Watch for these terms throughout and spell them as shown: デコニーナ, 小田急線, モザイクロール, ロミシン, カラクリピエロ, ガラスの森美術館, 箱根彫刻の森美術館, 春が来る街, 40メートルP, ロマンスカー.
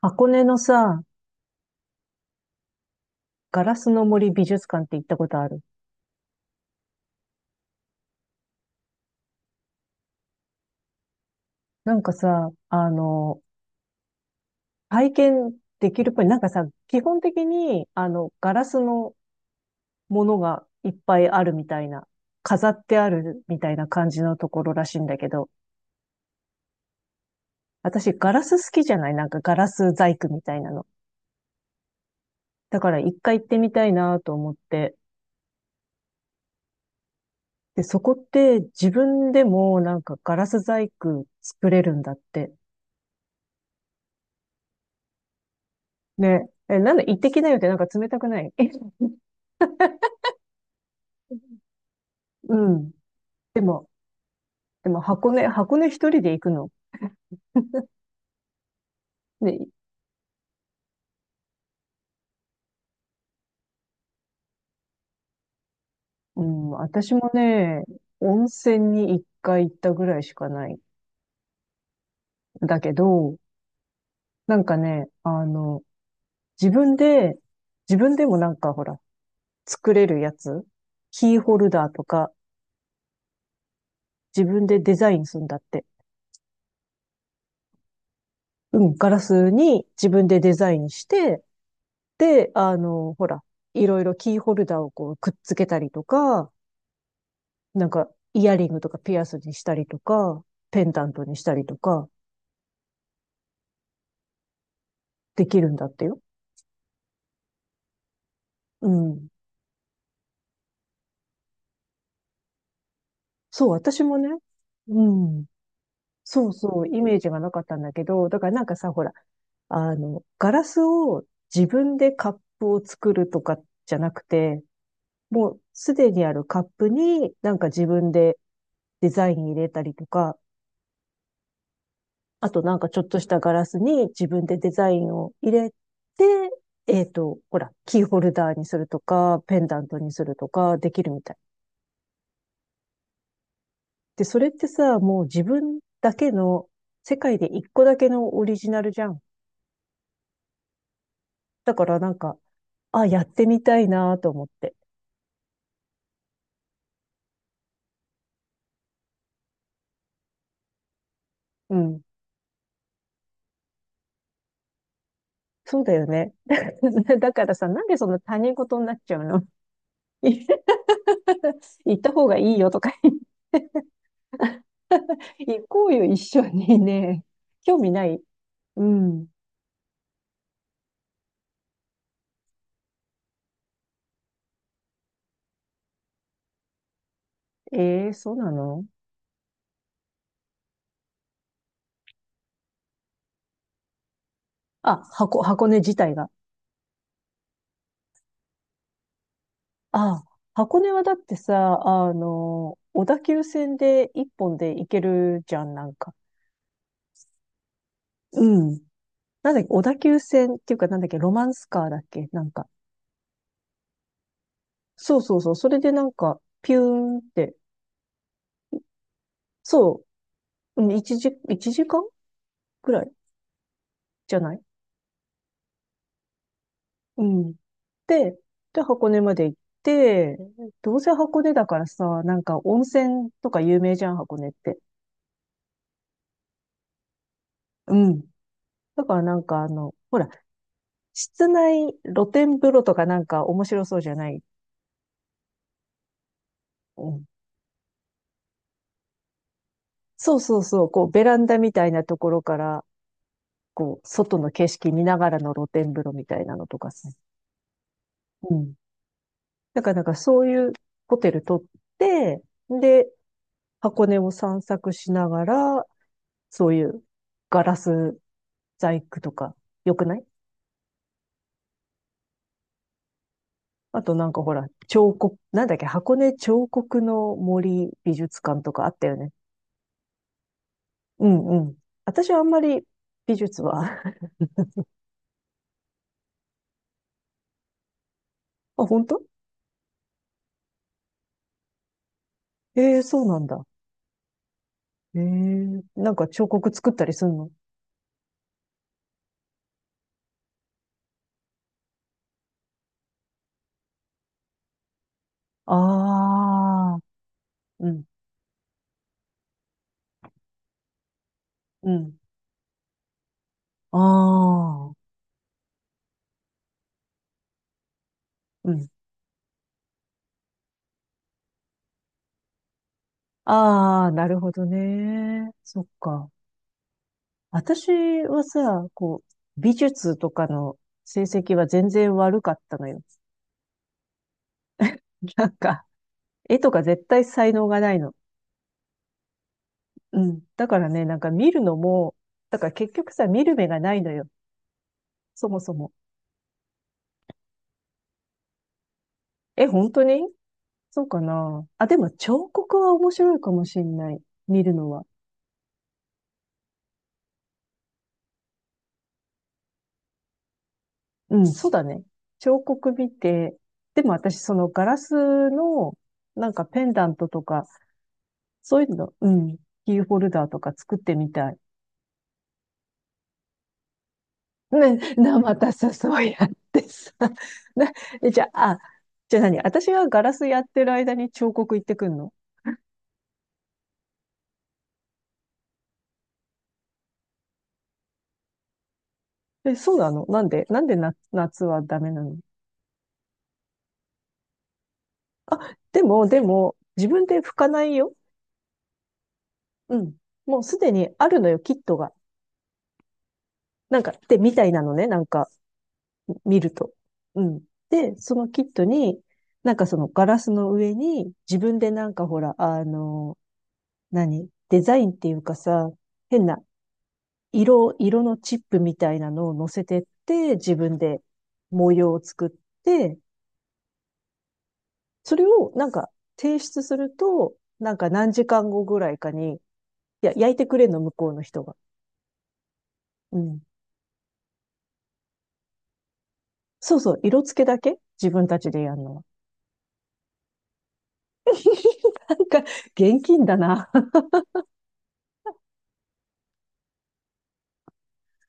箱根のさ、ガラスの森美術館って行ったことある？なんかさ、体験できるっぽい。なんかさ、基本的に、ガラスのものがいっぱいあるみたいな、飾ってあるみたいな感じのところらしいんだけど、私ガラス好きじゃない？なんかガラス細工みたいなの。だから一回行ってみたいなと思って。で、そこって自分でもなんかガラス細工作れるんだって。ね。え、なんで行ってきなよってなんか冷たくない？え うん。でも、でも箱根一人で行くの？で、うん、私もね、温泉に一回行ったぐらいしかない。だけど、なんかね、自分で、自分でもなんかほら、作れるやつ、キーホルダーとか、自分でデザインするんだって。うん、ガラスに自分でデザインして、で、ほら、いろいろキーホルダーをこうくっつけたりとか、なんかイヤリングとかピアスにしたりとか、ペンダントにしたりとか、できるんだってよ。うん。そう、私もね。うん。そうそう、イメージがなかったんだけど、だからなんかさ、ほら、ガラスを自分でカップを作るとかじゃなくて、もうすでにあるカップになんか自分でデザイン入れたりとか、あとなんかちょっとしたガラスに自分でデザインを入れて、ほら、キーホルダーにするとか、ペンダントにするとか、できるみたい。で、それってさ、もう自分だけの、世界で1個だけのオリジナルじゃん。だからなんか、あ、やってみたいなと思って。うん。そうだよね。だからさ、なんでそんな他人事になっちゃうの？ 行った方がいいよとか言って 行こうよ、一緒にね。興味ない？うん。そうなの？あ、箱根自体が。あ、箱根はだってさ、小田急線で1本で行けるじゃん、なんか。うん。なんだっけ、小田急線っていうか、なんだっけ、ロマンスカーだっけ、なんか。そうそうそう。それでなんか、ピューンって。そう。うん、1時、1時間ぐらいじゃない？うん。で、で、箱根まで行って、どうせ箱根だからさ、なんか温泉とか有名じゃん、箱根って。うん。だからなんかほら、室内露天風呂とかなんか面白そうじゃない？うん。そうそうそう。こう、ベランダみたいなところから、こう、外の景色見ながらの露天風呂みたいなのとかさ。うん。だからなんかそういうホテル取って、で、箱根を散策しながら、そういうガラス細工とか、よくない？あとなんかほら、彫刻、なんだっけ、箱根彫刻の森美術館とかあったよね。うんうん。私はあんまり美術は あ、本当？ええー、そうなんだ。ええ、なんか彫刻作ったりすんの？ああー、うん。うん。ああ、うん。ああ、なるほどね。そっか。私はさ、こう、美術とかの成績は全然悪かったのよ。なんか、絵とか絶対才能がないの。うん。だからね、なんか見るのも、だから結局さ、見る目がないのよ。そもそも。え、本当にそうかな。あ、でも彫刻は面白いかもしんない。見るのは。うん、そうだね。彫刻見て、でも私そのガラスのなんかペンダントとか、そういうの、うん、キーホルダーとか作ってみたい。ね、またさ、そうやってさ。な、えじゃあ、あ、じゃあ何私がガラスやってる間に彫刻行ってくんの？え、そうなの？なんで夏はダメなの？あ、でも、自分で拭かないよ。うん。もうすでにあるのよ、キットが。なんか、で、みたいなのね、なんか。見ると。うん。で、そのキットに、なんかそのガラスの上に、自分でなんかほら、何デザインっていうかさ、変な色のチップみたいなのを乗せてって、自分で模様を作って、それをなんか提出すると、なんか何時間後ぐらいかに、いや、焼いてくれんの、向こうの人が。うん。そうそう、色付けだけ自分たちでやるのは。なんか、現金だな。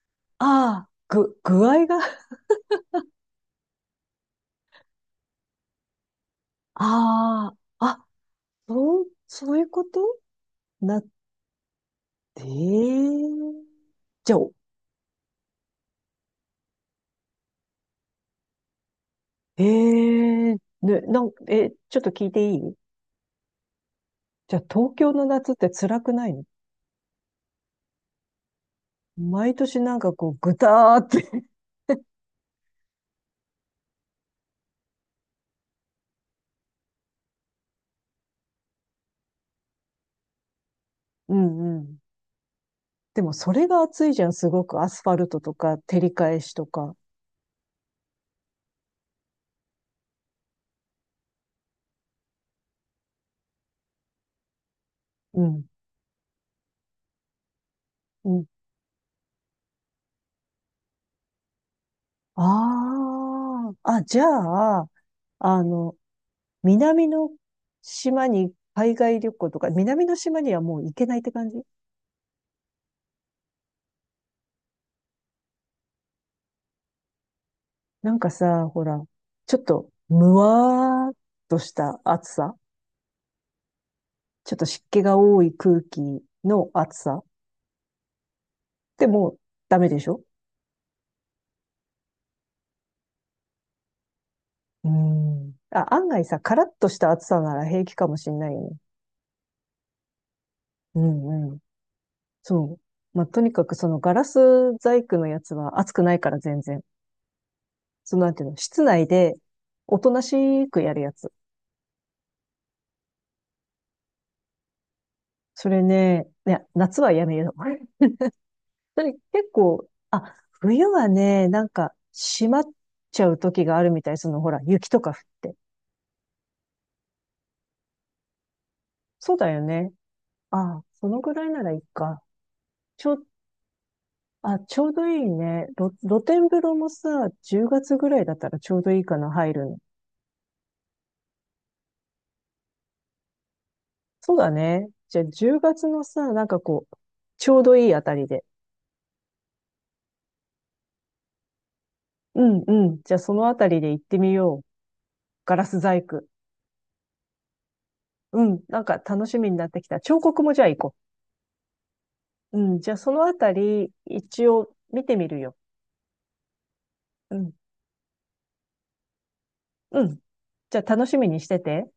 ああ、具合が？ああ、あ、そう、そういうことなって、じゃあ、ええね、え、ちょっと聞いていい？じゃあ、東京の夏って辛くないの？毎年なんかこう、ぐたーって うんうん。でも、それが暑いじゃん、すごく。アスファルトとか、照り返しとか。うん、うん。ああ、あ、じゃあ、あの、南の島に海外旅行とか、南の島にはもう行けないって感じ？なんかさ、ほら、ちょっと、むわーっとした暑さ。ちょっと湿気が多い空気の暑さ。でも、ダメでしょ？うーん。あ、案外さ、カラッとした暑さなら平気かもしんないよね。うんうん。そう。まあ、とにかくそのガラス細工のやつは暑くないから全然。そのなんていうの、室内でおとなしくやるやつ。それね、いや、夏はやめよう。それ結構、あ、冬はね、なんか閉まっちゃう時があるみたい。そのほら、雪とか降って。そうだよね。あ、そのぐらいならいいか。ちょ、あ、ちょうどいいね。露天風呂もさ、10月ぐらいだったらちょうどいいかな、入るの。そうだね。じゃあ10月のさ、なんかこう、ちょうどいいあたりで。うんうん。じゃあそのあたりで行ってみよう。ガラス細工。うん。なんか楽しみになってきた。彫刻もじゃあ行こう。うん。じゃあそのあたり、一応見てみるよ。うん。うん。じゃあ楽しみにしてて。